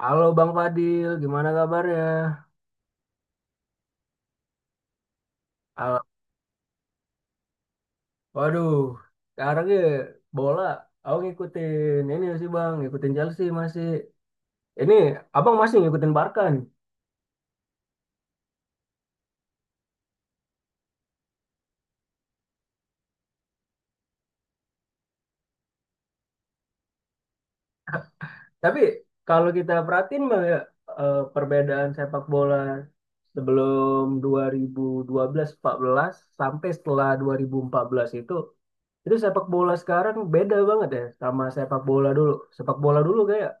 Halo Bang Fadil, gimana kabarnya? Halo. Waduh, sekarang ya bola, aku ngikutin ini sih Bang, ngikutin Chelsea masih. Ini Abang masih ngikutin Barca nih. Tapi kalau kita perhatiin Bang ya, perbedaan sepak bola sebelum 2012-14 sampai setelah 2014 itu sepak bola sekarang beda banget ya sama sepak bola dulu. Sepak bola dulu kayak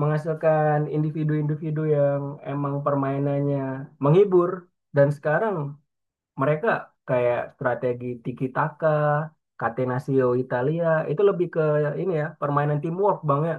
menghasilkan individu-individu yang emang permainannya menghibur, dan sekarang mereka kayak strategi tiki taka, Catenaccio Italia itu lebih ke ini, ya permainan teamwork bang ya.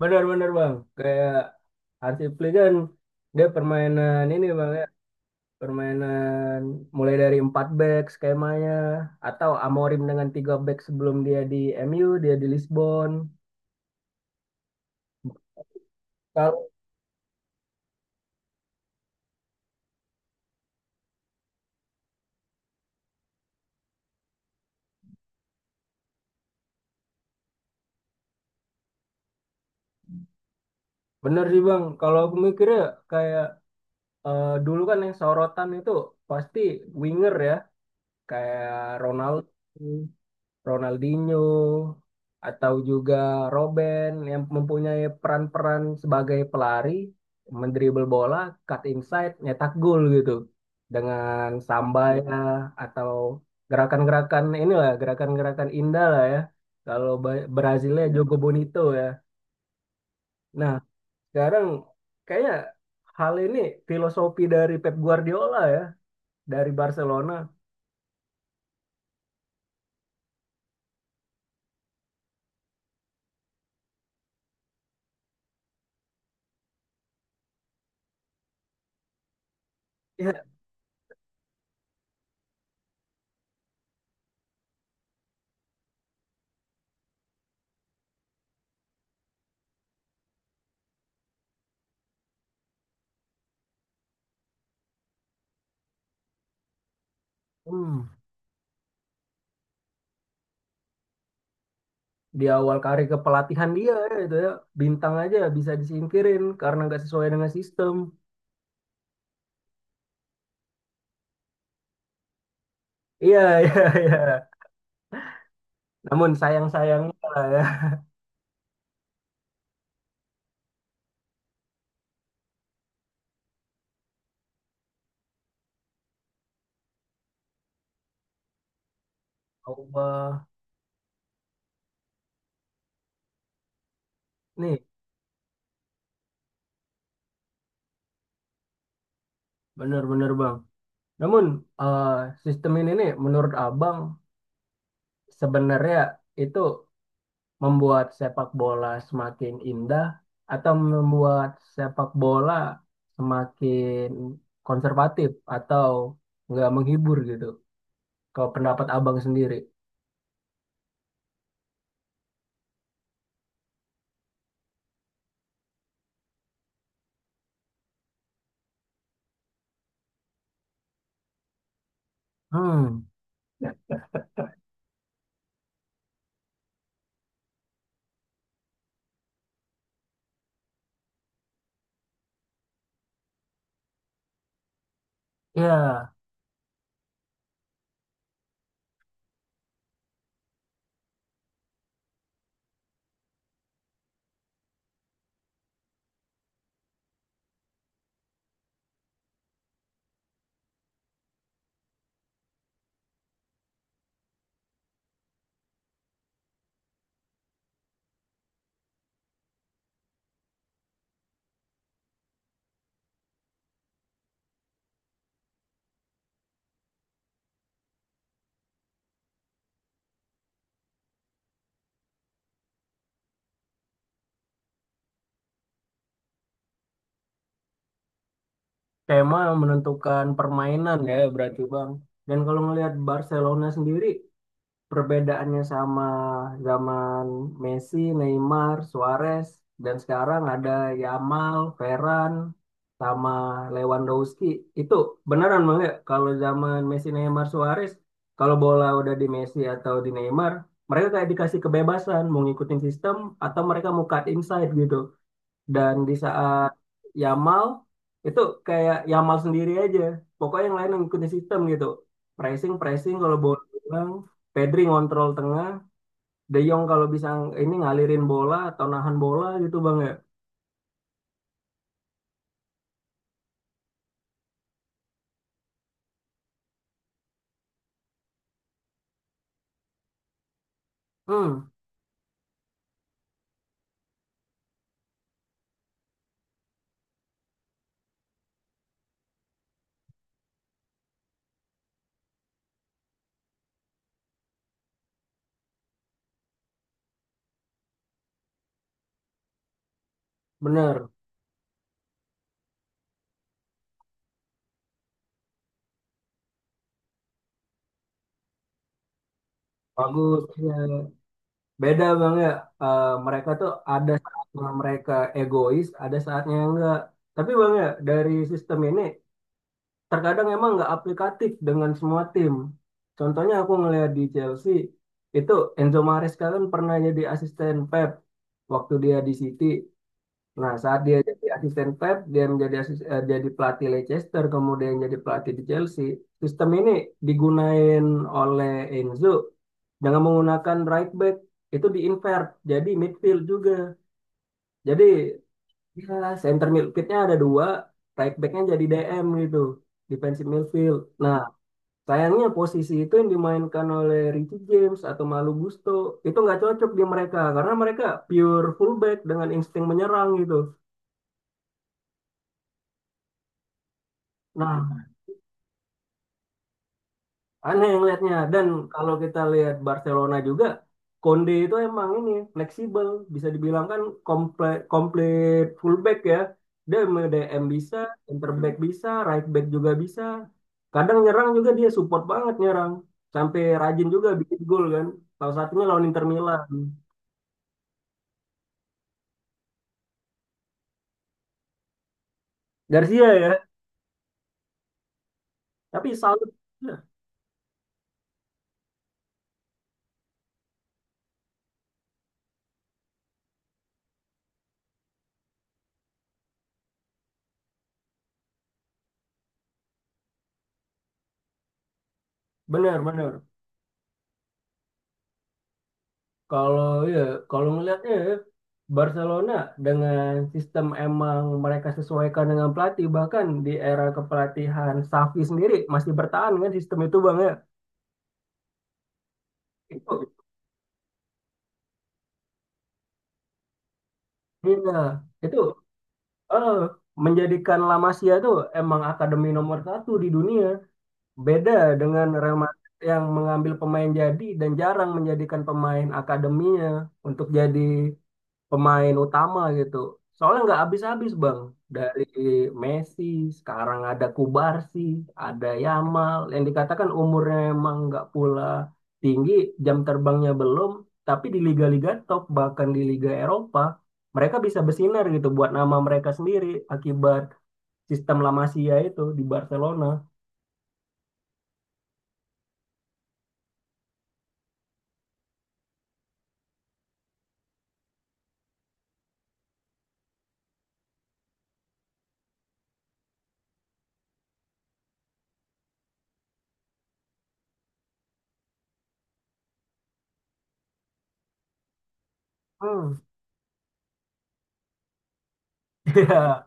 Benar-benar bang, kayak Hansi Flick kan dia permainan ini bang ya, permainan mulai dari 4 back skemanya, atau Amorim dengan 3 back sebelum dia di MU, dia di Lisbon. Kalau bener sih bang, kalau aku mikirnya, kayak dulu kan yang sorotan itu pasti winger ya, kayak Ronaldo, Ronaldinho, atau juga Robben yang mempunyai peran-peran sebagai pelari, mendribel bola, cut inside, nyetak gol gitu. Dengan sambai iya lah, atau gerakan-gerakan inilah, gerakan-gerakan indah lah ya. Kalau Brazilnya iya, Jogo Bonito ya. Nah, sekarang kayaknya hal ini filosofi dari Pep Guardiola dari Barcelona ya. Hmm, di awal karir kepelatihan dia ya, itu ya bintang aja bisa disingkirin karena nggak sesuai dengan sistem. Iya, iya, iya. Namun sayang sayang, ya Allah nih, bener-bener bang. Namun eh, sistem ini nih menurut abang sebenarnya itu membuat sepak bola semakin indah, atau membuat sepak bola semakin konservatif atau nggak menghibur gitu. Kalau pendapat abang sendiri. Hmm, ya, tema yang menentukan permainan ya berarti bang. Dan kalau ngelihat Barcelona sendiri, perbedaannya sama zaman Messi, Neymar, Suarez, dan sekarang ada Yamal, Ferran, sama Lewandowski. Itu beneran bang ya, kalau zaman Messi, Neymar, Suarez, kalau bola udah di Messi atau di Neymar, mereka kayak dikasih kebebasan mau ngikutin sistem atau mereka mau cut inside gitu. Dan di saat Yamal itu kayak Yamal sendiri aja. Pokoknya yang lain yang ngikutin sistem gitu. Pressing, pressing kalau bola bilang, Pedri ngontrol tengah, De Jong kalau bisa ini ngalirin bola atau nahan bola gitu Bang ya. Hmm, bener. Bagus. Iya. Beda Bang ya. Eh, mereka tuh ada saatnya mereka egois, ada saatnya enggak. Tapi Bang ya, dari sistem ini terkadang emang nggak aplikatif dengan semua tim. Contohnya aku ngelihat di Chelsea, itu Enzo Maresca kan pernah jadi asisten Pep waktu dia di City. Nah, saat dia jadi asisten Pep, dia menjadi jadi pelatih Leicester, kemudian jadi pelatih di Chelsea. Sistem ini digunain oleh Enzo dengan menggunakan right back itu diinvert jadi midfield juga. Jadi ya center midfieldnya ada dua, right backnya jadi DM gitu, defensive midfield. Nah, sayangnya posisi itu yang dimainkan oleh Richie James atau Malu Gusto itu nggak cocok di mereka karena mereka pure fullback dengan insting menyerang gitu. Nah, aneh yang lihatnya. Dan kalau kita lihat Barcelona juga, Konde itu emang ini fleksibel, bisa dibilang kan komplit fullback ya. Dia DM bisa, center back bisa, right back juga bisa. Kadang nyerang juga dia support banget nyerang. Sampai rajin juga bikin gol kan. Salah satunya lawan Inter Milan. Garcia ya. Tapi salut, ya, benar-benar. Kalau ya, kalau ngelihatnya ya, Barcelona dengan sistem emang mereka sesuaikan dengan pelatih, bahkan di era kepelatihan Xavi sendiri masih bertahan kan sistem itu bang ya. Itu, iya, itu eh, menjadikan La Masia itu emang akademi nomor satu di dunia. Beda dengan Real Madrid yang mengambil pemain jadi dan jarang menjadikan pemain akademinya untuk jadi pemain utama gitu. Soalnya nggak habis-habis bang. Dari Messi, sekarang ada Kubarsi, ada Yamal. Yang dikatakan umurnya emang nggak pula tinggi, jam terbangnya belum. Tapi di liga-liga top, bahkan di Liga Eropa, mereka bisa bersinar gitu buat nama mereka sendiri akibat sistem La Masia itu di Barcelona. Hmm. Ya,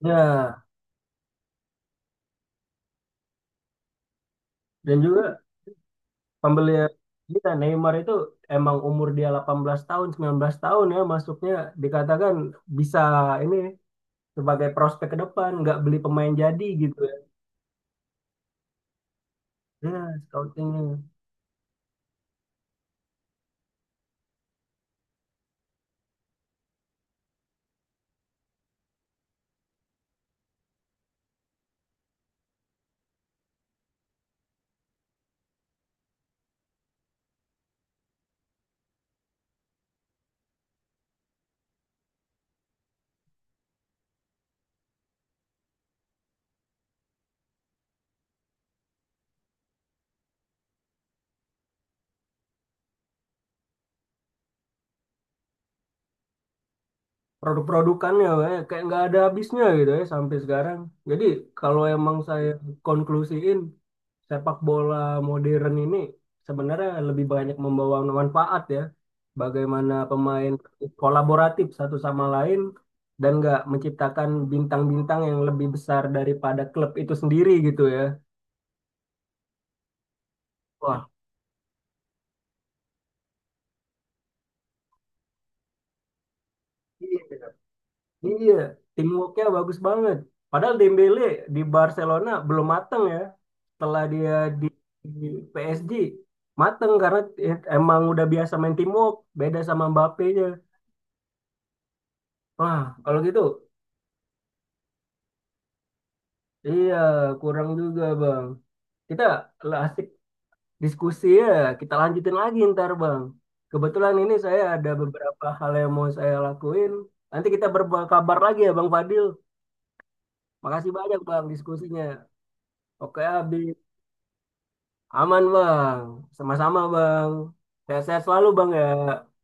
ya. Dan juga pembelian kita Neymar itu emang umur dia 18 tahun, 19 tahun ya masuknya, dikatakan bisa ini sebagai prospek ke depan, nggak beli pemain jadi gitu ya. Ya, scoutingnya. Produk-produkannya kayak kayak nggak ada habisnya gitu ya sampai sekarang. Jadi kalau emang saya konklusiin, sepak bola modern ini sebenarnya lebih banyak membawa manfaat ya. Bagaimana pemain kolaboratif satu sama lain dan nggak menciptakan bintang-bintang yang lebih besar daripada klub itu sendiri gitu ya. Wah, iya. Iya, teamworknya bagus banget. Padahal Dembele di Barcelona belum mateng ya. Setelah dia di di PSG mateng karena emang udah biasa main teamwork, beda sama Mbappe-nya. Wah, kalau gitu, iya kurang juga bang. Kita lah asik diskusi ya, kita lanjutin lagi ntar bang. Kebetulan ini saya ada beberapa hal yang mau saya lakuin. Nanti kita berkabar lagi ya Bang Fadil. Makasih banyak Bang diskusinya. Oke, Abi. Aman bang, sama-sama bang. Sehat-sehat selalu bang ya.